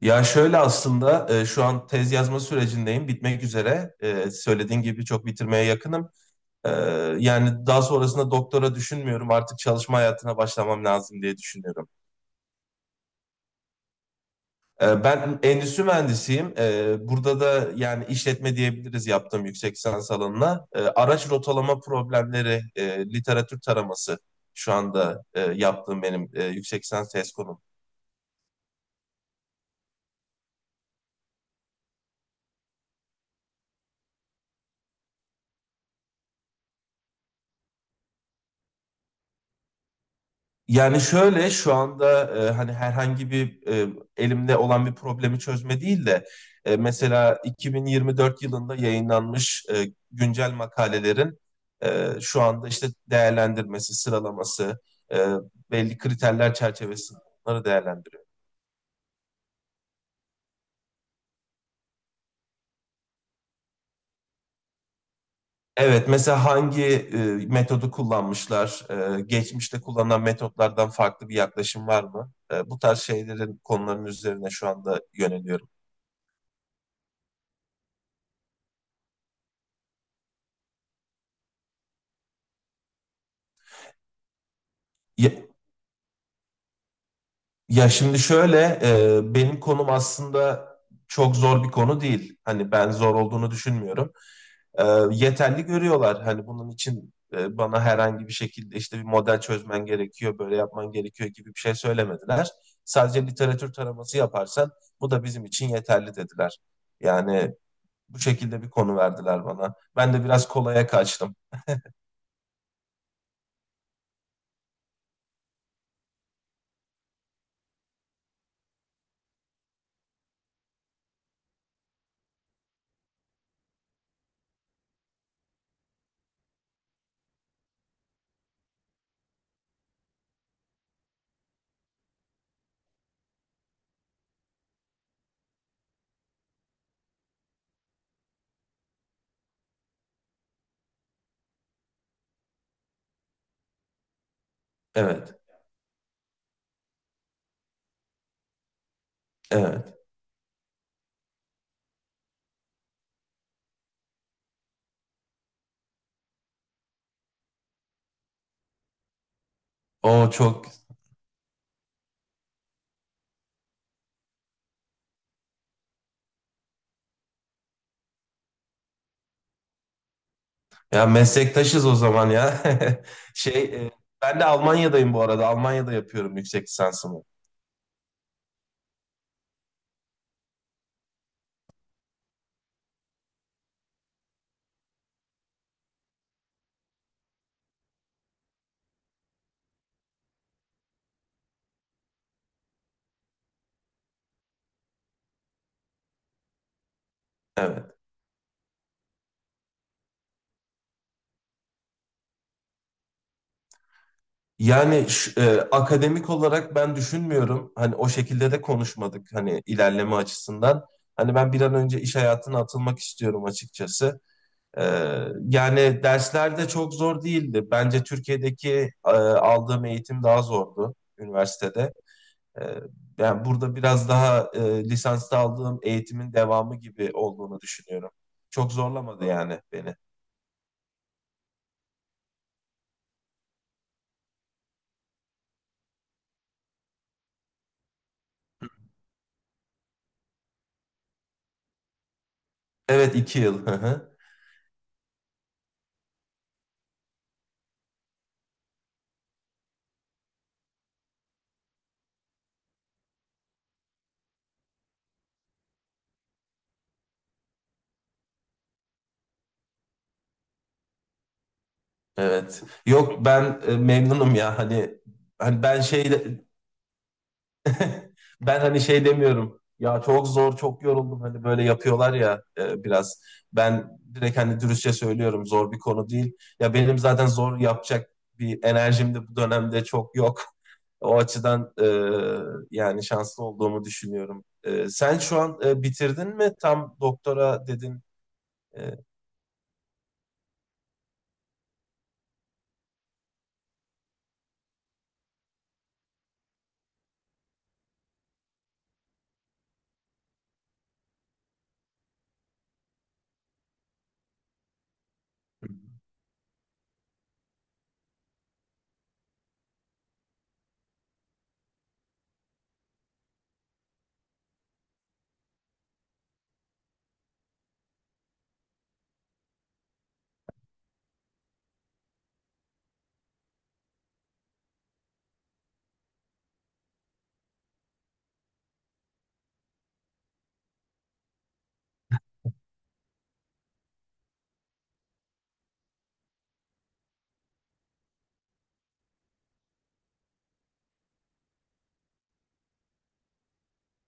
Ya şöyle aslında şu an tez yazma sürecindeyim. Bitmek üzere. Söylediğin gibi çok bitirmeye yakınım. E, Yani daha sonrasında doktora düşünmüyorum. Artık çalışma hayatına başlamam lazım diye düşünüyorum. Ben endüstri mühendisiyim. Burada da yani işletme diyebiliriz yaptığım yüksek lisans alanına. Araç rotalama problemleri, literatür taraması şu anda yaptığım benim yüksek lisans tez konum. Yani şöyle şu anda, hani herhangi bir, elimde olan bir problemi çözme değil de mesela 2024 yılında yayınlanmış güncel makalelerin şu anda işte değerlendirmesi, sıralaması, e, belli kriterler çerçevesinde bunları değerlendiriyor. Evet, mesela hangi metodu kullanmışlar, geçmişte kullanılan metotlardan farklı bir yaklaşım var mı? Bu tarz şeylerin konuların üzerine şu anda yöneliyorum. Ya şimdi şöyle, benim konum aslında çok zor bir konu değil. Hani ben zor olduğunu düşünmüyorum. E, Yeterli görüyorlar. Hani bunun için bana herhangi bir şekilde işte bir model çözmen gerekiyor, böyle yapman gerekiyor gibi bir şey söylemediler. Sadece literatür taraması yaparsan bu da bizim için yeterli dediler. Yani bu şekilde bir konu verdiler bana. Ben de biraz kolaya kaçtım. Evet, evet. O çok Ya, meslektaşız o zaman ya. Şey, e, ben de Almanya'dayım bu arada. Almanya'da yapıyorum yüksek lisansımı. Evet. Yani akademik olarak ben düşünmüyorum. Hani o şekilde de konuşmadık hani ilerleme açısından. Hani ben bir an önce iş hayatına atılmak istiyorum açıkçası. E, Yani dersler de çok zor değildi. Bence Türkiye'deki aldığım eğitim daha zordu üniversitede. Ee, Yani burada biraz daha lisansta aldığım eğitimin devamı gibi olduğunu düşünüyorum. Çok zorlamadı yani beni. Evet, 2 yıl. Hı hı. Evet. Yok, ben memnunum ya hani. Hani ben şey Ben hani şey demiyorum. Ya çok zor, çok yoruldum. Hani böyle yapıyorlar ya, biraz. Ben direkt hani dürüstçe söylüyorum. Zor bir konu değil. Ya benim zaten zor yapacak bir enerjim de bu dönemde çok yok. O açıdan yani şanslı olduğumu düşünüyorum. Sen şu an bitirdin mi? Tam doktora dedin. E,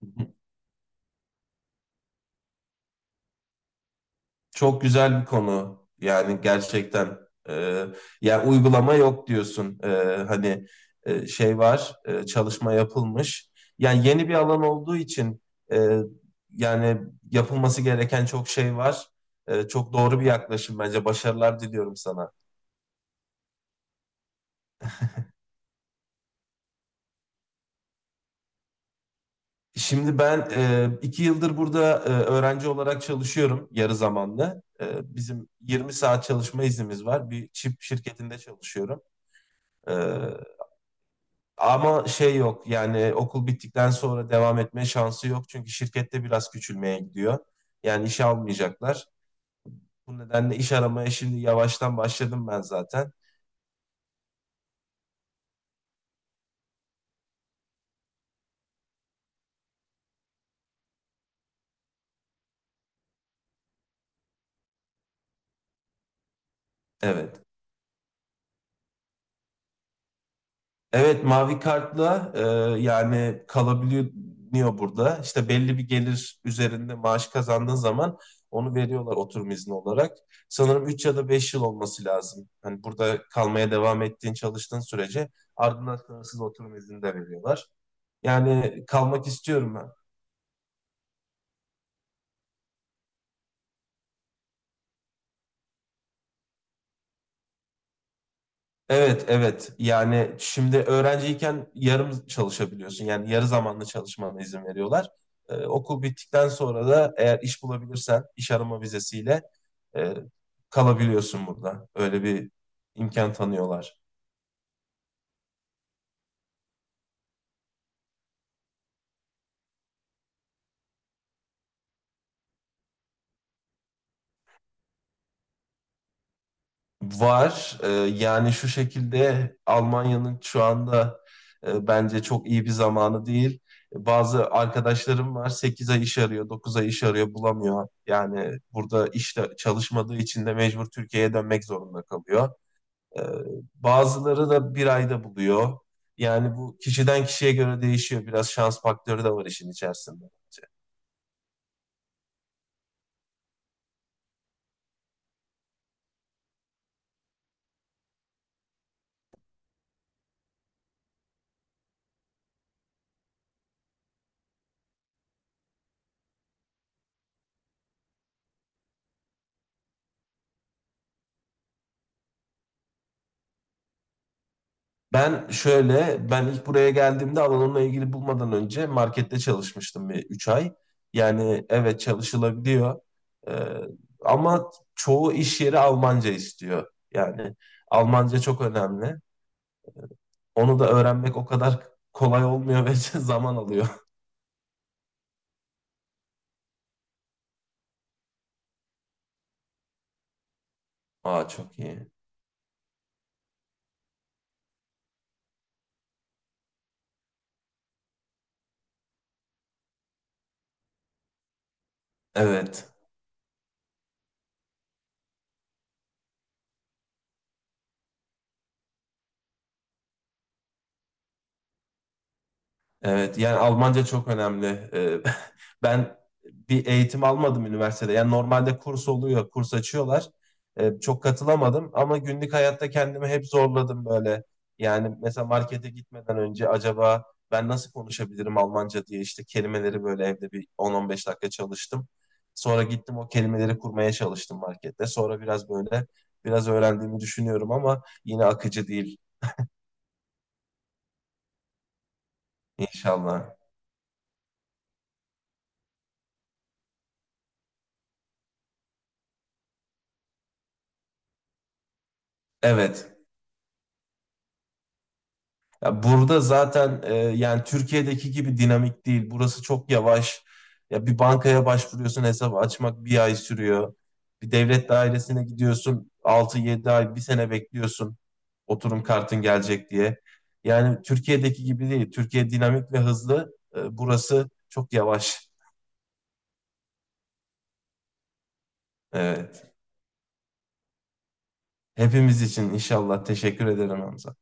Çok güzel bir konu. Yani gerçekten e, yani uygulama yok diyorsun. Hani şey var, çalışma yapılmış. Yani yeni bir alan olduğu için e, yani yapılması gereken çok şey var. Çok doğru bir yaklaşım bence. Başarılar diliyorum sana. Şimdi ben 2 yıldır burada öğrenci olarak çalışıyorum yarı zamanlı. Bizim 20 saat çalışma iznimiz var. Bir çip şirketinde çalışıyorum. E, Ama şey yok yani okul bittikten sonra devam etme şansı yok. Çünkü şirkette biraz küçülmeye gidiyor. Yani işe almayacaklar. Bu nedenle iş aramaya şimdi yavaştan başladım ben zaten. Evet. Evet, mavi kartla yani kalabiliyor burada. İşte belli bir gelir üzerinde maaş kazandığın zaman onu veriyorlar oturum izni olarak. Sanırım 3 ya da 5 yıl olması lazım. Hani burada kalmaya devam ettiğin çalıştığın sürece ardından sınırsız oturum izni de veriyorlar. Yani kalmak istiyorum ben. Evet, evet. Yani şimdi öğrenciyken yarım çalışabiliyorsun. Yani yarı zamanlı çalışmana izin veriyorlar. Okul bittikten sonra da eğer iş bulabilirsen iş arama vizesiyle e, kalabiliyorsun burada. Öyle bir imkan tanıyorlar. Var. Yani şu şekilde Almanya'nın şu anda bence çok iyi bir zamanı değil. Bazı arkadaşlarım var 8 ay iş arıyor, 9 ay iş arıyor bulamıyor. Yani burada işte çalışmadığı için de mecbur Türkiye'ye dönmek zorunda kalıyor. Ee, Bazıları da bir ayda buluyor. Yani bu kişiden kişiye göre değişiyor. Biraz şans faktörü de var işin içerisinde. Ben ilk buraya geldiğimde alanımla ilgili bulmadan önce markette çalışmıştım bir 3 ay. Yani evet, çalışılabiliyor. Ee, Ama çoğu iş yeri Almanca istiyor. Yani Almanca çok önemli. Onu da öğrenmek o kadar kolay olmuyor ve zaman alıyor. Aa, çok iyi. Evet. Evet, yani Almanca çok önemli. Ben bir eğitim almadım üniversitede. Yani normalde kurs oluyor, kurs açıyorlar. Çok katılamadım ama günlük hayatta kendimi hep zorladım böyle. Yani mesela markete gitmeden önce acaba ben nasıl konuşabilirim Almanca diye işte kelimeleri böyle evde bir 10-15 dakika çalıştım. Sonra gittim o kelimeleri kurmaya çalıştım markette. Sonra biraz böyle biraz öğrendiğimi düşünüyorum ama yine akıcı değil inşallah. Evet. Ya burada zaten yani Türkiye'deki gibi dinamik değil. Burası çok yavaş. Ya bir bankaya başvuruyorsun, hesap açmak bir ay sürüyor. Bir devlet dairesine gidiyorsun 6-7 ay bir sene bekliyorsun oturum kartın gelecek diye. Yani Türkiye'deki gibi değil. Türkiye dinamik ve hızlı. Burası çok yavaş. Evet. Hepimiz için inşallah. Teşekkür ederim Hamza.